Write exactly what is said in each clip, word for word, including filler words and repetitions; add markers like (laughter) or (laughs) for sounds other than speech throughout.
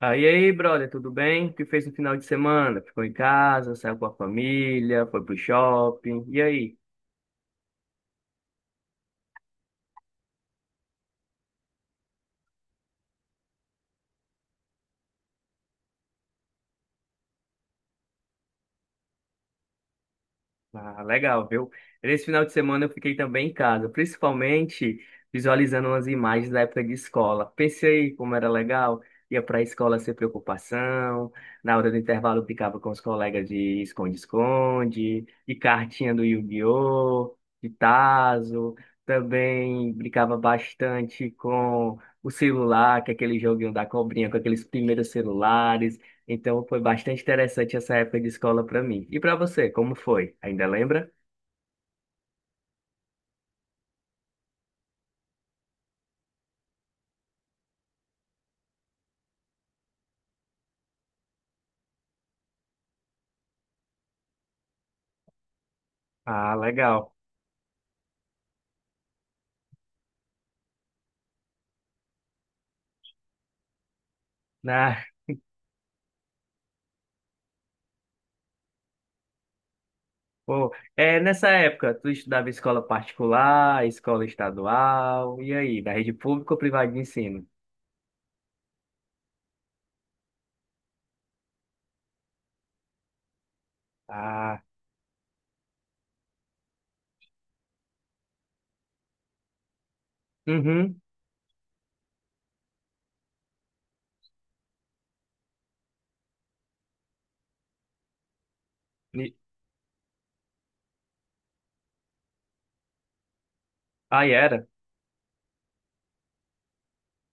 Ah, e aí, brother, tudo bem? O que fez no final de semana? Ficou em casa, saiu com a família, foi pro shopping. E aí? Ah, legal, viu? Nesse final de semana eu fiquei também em casa, principalmente visualizando umas imagens da época de escola. Pensei como era legal, ia para a escola sem preocupação, na hora do intervalo eu brincava com os colegas de esconde-esconde, de cartinha do Yu-Gi-Oh!, de tazo, também brincava bastante com o celular, que é aquele joguinho da cobrinha, com aqueles primeiros celulares. Então foi bastante interessante essa época de escola para mim. E para você, como foi? Ainda lembra? Ah, legal. (laughs) Ah, pô. É, nessa época, tu estudava em escola particular, escola estadual, e aí, da rede pública ou privada de ensino? Ah, uhum. E- Aí era.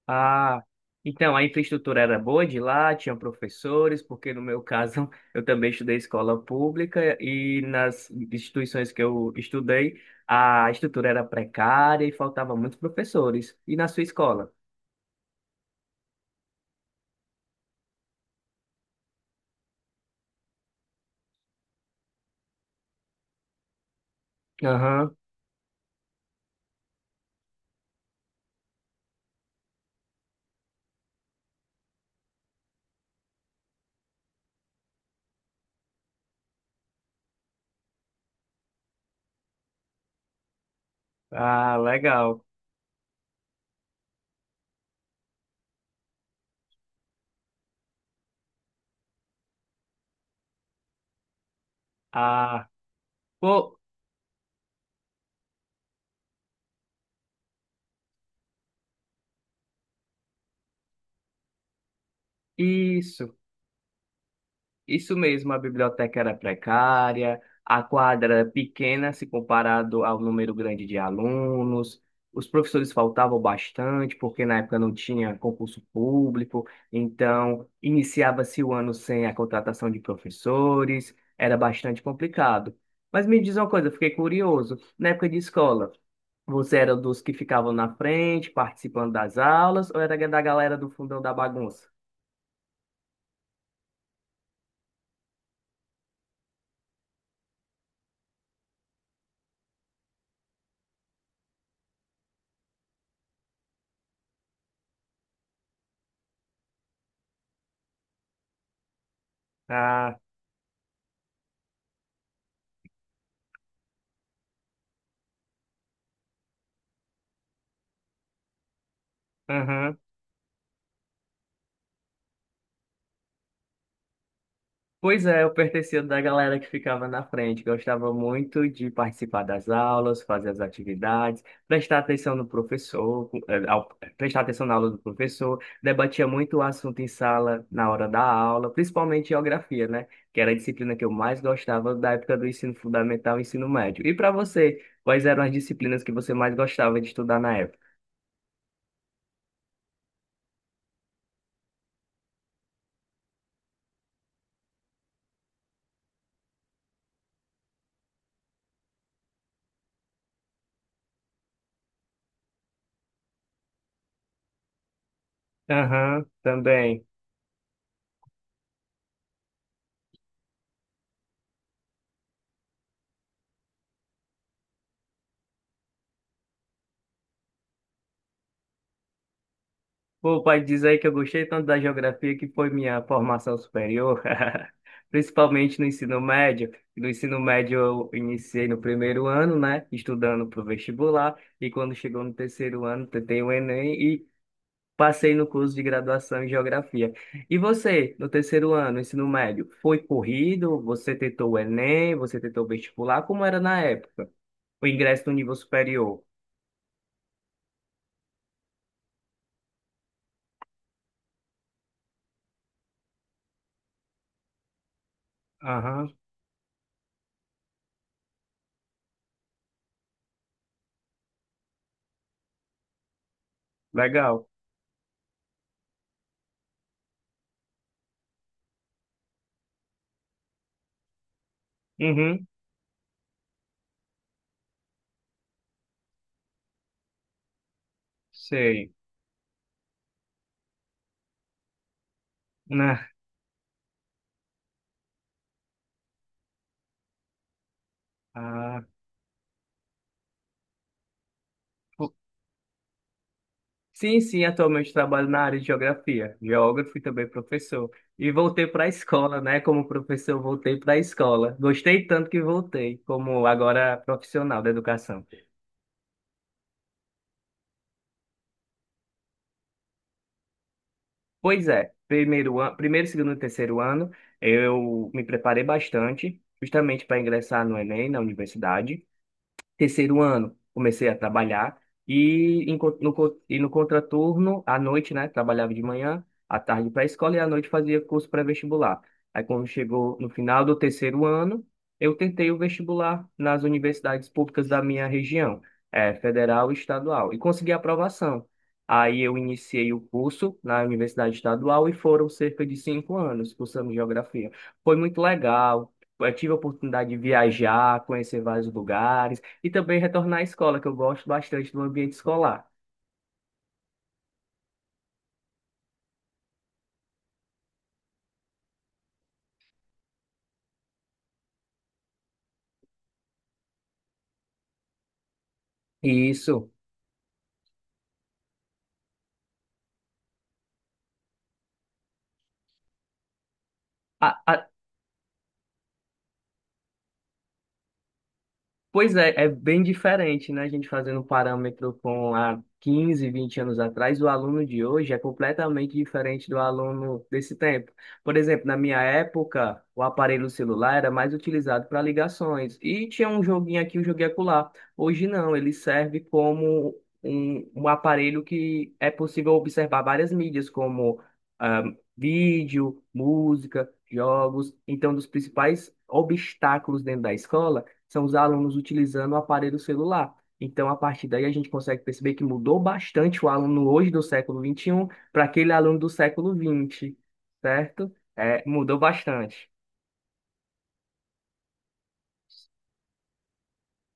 Ah, então a infraestrutura era boa de lá, tinha professores, porque no meu caso (laughs) eu também estudei escola pública e nas instituições que eu estudei a estrutura era precária e faltava muitos professores. E na sua escola? Aham. Ah, legal. Ah, pô, isso. Isso mesmo, a biblioteca era precária, a quadra era pequena se comparado ao número grande de alunos, os professores faltavam bastante, porque na época não tinha concurso público, então iniciava-se o ano sem a contratação de professores, era bastante complicado. Mas me diz uma coisa, eu fiquei curioso, na época de escola, você era dos que ficavam na frente, participando das aulas, ou era da galera do fundão da bagunça? Ah, aham. Pois é, eu pertencia da galera que ficava na frente, gostava muito de participar das aulas, fazer as atividades, prestar atenção no professor, eh, ao- prestar atenção na aula do professor, debatia muito o assunto em sala na hora da aula, principalmente geografia, né? Que era a disciplina que eu mais gostava da época do ensino fundamental e ensino médio. E para você, quais eram as disciplinas que você mais gostava de estudar na época? Aham, também. Pô, pai, diz aí que eu gostei tanto da geografia que foi minha formação superior, (laughs) principalmente no ensino médio. No ensino médio eu iniciei no primeiro ano, né, estudando para o vestibular, e quando chegou no terceiro ano, tentei o Enem e passei no curso de graduação em geografia. E você, no terceiro ano, ensino médio, foi corrido? Você tentou o Enem? Você tentou o vestibular? Como era na época? O ingresso no nível superior? Aham, legal. Uhum, sei. Né? Ah, Sim, sim, atualmente trabalho na área de geografia, geógrafo e também professor. E voltei para a escola, né? Como professor, voltei para a escola. Gostei tanto que voltei, como agora profissional da educação. Pois é, primeiro, an- primeiro, segundo e terceiro ano, eu me preparei bastante, justamente para ingressar no Enem, na universidade. Terceiro ano, comecei a trabalhar e em co- no, co- e no contraturno, à noite, né? Trabalhava de manhã, à tarde para a escola e à noite fazia curso pré-vestibular. Aí, quando chegou no final do terceiro ano, eu tentei o vestibular nas universidades públicas da minha região, eh, federal e estadual, e consegui a aprovação. Aí, eu iniciei o curso na Universidade Estadual e foram cerca de cinco anos cursando geografia. Foi muito legal. Eu tive a oportunidade de viajar, conhecer vários lugares e também retornar à escola, que eu gosto bastante do ambiente escolar. E isso, a- a- Pois é, é bem diferente, né? A gente fazendo um parâmetro com há quinze, vinte anos atrás, o aluno de hoje é completamente diferente do aluno desse tempo. Por exemplo, na minha época, o aparelho celular era mais utilizado para ligações e tinha um joguinho aqui, um joguinho acolá. Hoje não, ele serve como um, um aparelho que é possível observar várias mídias, como ah, vídeo, música, jogos. Então, um dos principais obstáculos dentro da escola são os alunos utilizando o aparelho celular. Então, a partir daí, a gente consegue perceber que mudou bastante o aluno hoje do século vinte e um para aquele aluno do século vinte, certo? É, mudou bastante.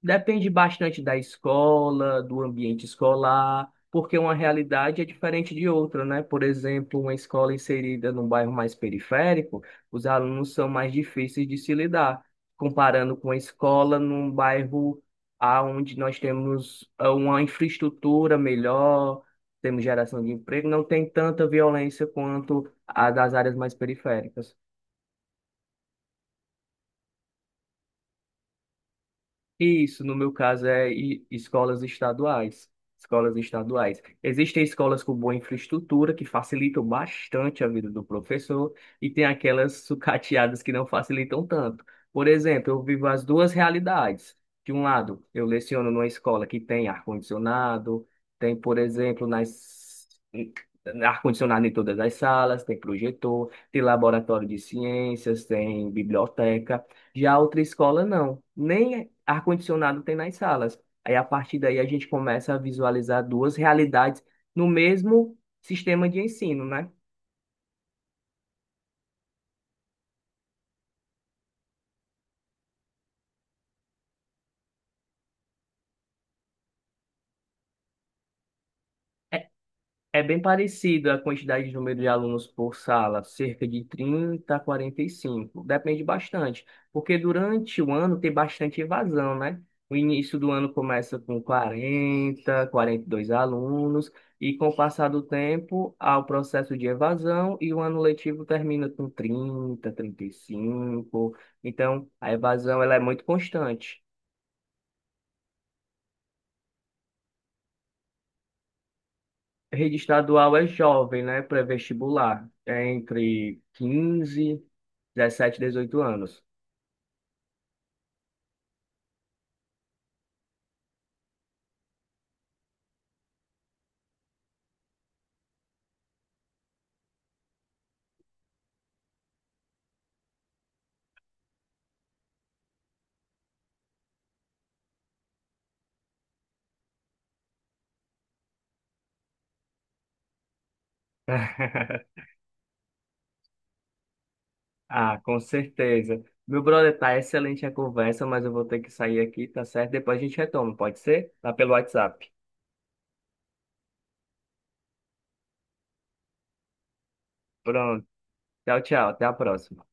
Depende bastante da escola, do ambiente escolar, porque uma realidade é diferente de outra, né? Por exemplo, uma escola inserida num bairro mais periférico, os alunos são mais difíceis de se lidar, comparando com a escola num bairro onde nós temos ah, uma infraestrutura melhor, temos geração de emprego, não tem tanta violência quanto a das áreas mais periféricas. Isso, no meu caso, é i- escolas estaduais. Escolas estaduais. Existem escolas com boa infraestrutura que facilitam bastante a vida do professor e tem aquelas sucateadas que não facilitam tanto. Por exemplo, eu vivo as duas realidades. De um lado, eu leciono numa escola que tem ar-condicionado, tem, por exemplo, nas ar-condicionado em todas as salas, tem projetor, tem laboratório de ciências, tem biblioteca. Já outra escola, não. Nem ar-condicionado tem nas salas. Aí, a partir daí, a gente começa a visualizar duas realidades no mesmo sistema de ensino, né? É bem parecido a quantidade de número de alunos por sala, cerca de trinta a quarenta e cinco. Depende bastante, porque durante o ano tem bastante evasão, né? O início do ano começa com quarenta, quarenta e dois alunos, e com o passar do tempo há o processo de evasão e o ano letivo termina com trinta, trinta e cinco. Então, a evasão ela é muito constante. Rede estadual é jovem, né? Pré-vestibular. É entre quinze, dezessete, dezoito anos. (laughs) Ah, com certeza. Meu brother, tá excelente a conversa, mas eu vou ter que sair aqui, tá certo? Depois a gente retoma, pode ser? Tá pelo WhatsApp. Pronto. Tchau, tchau. Até a próxima.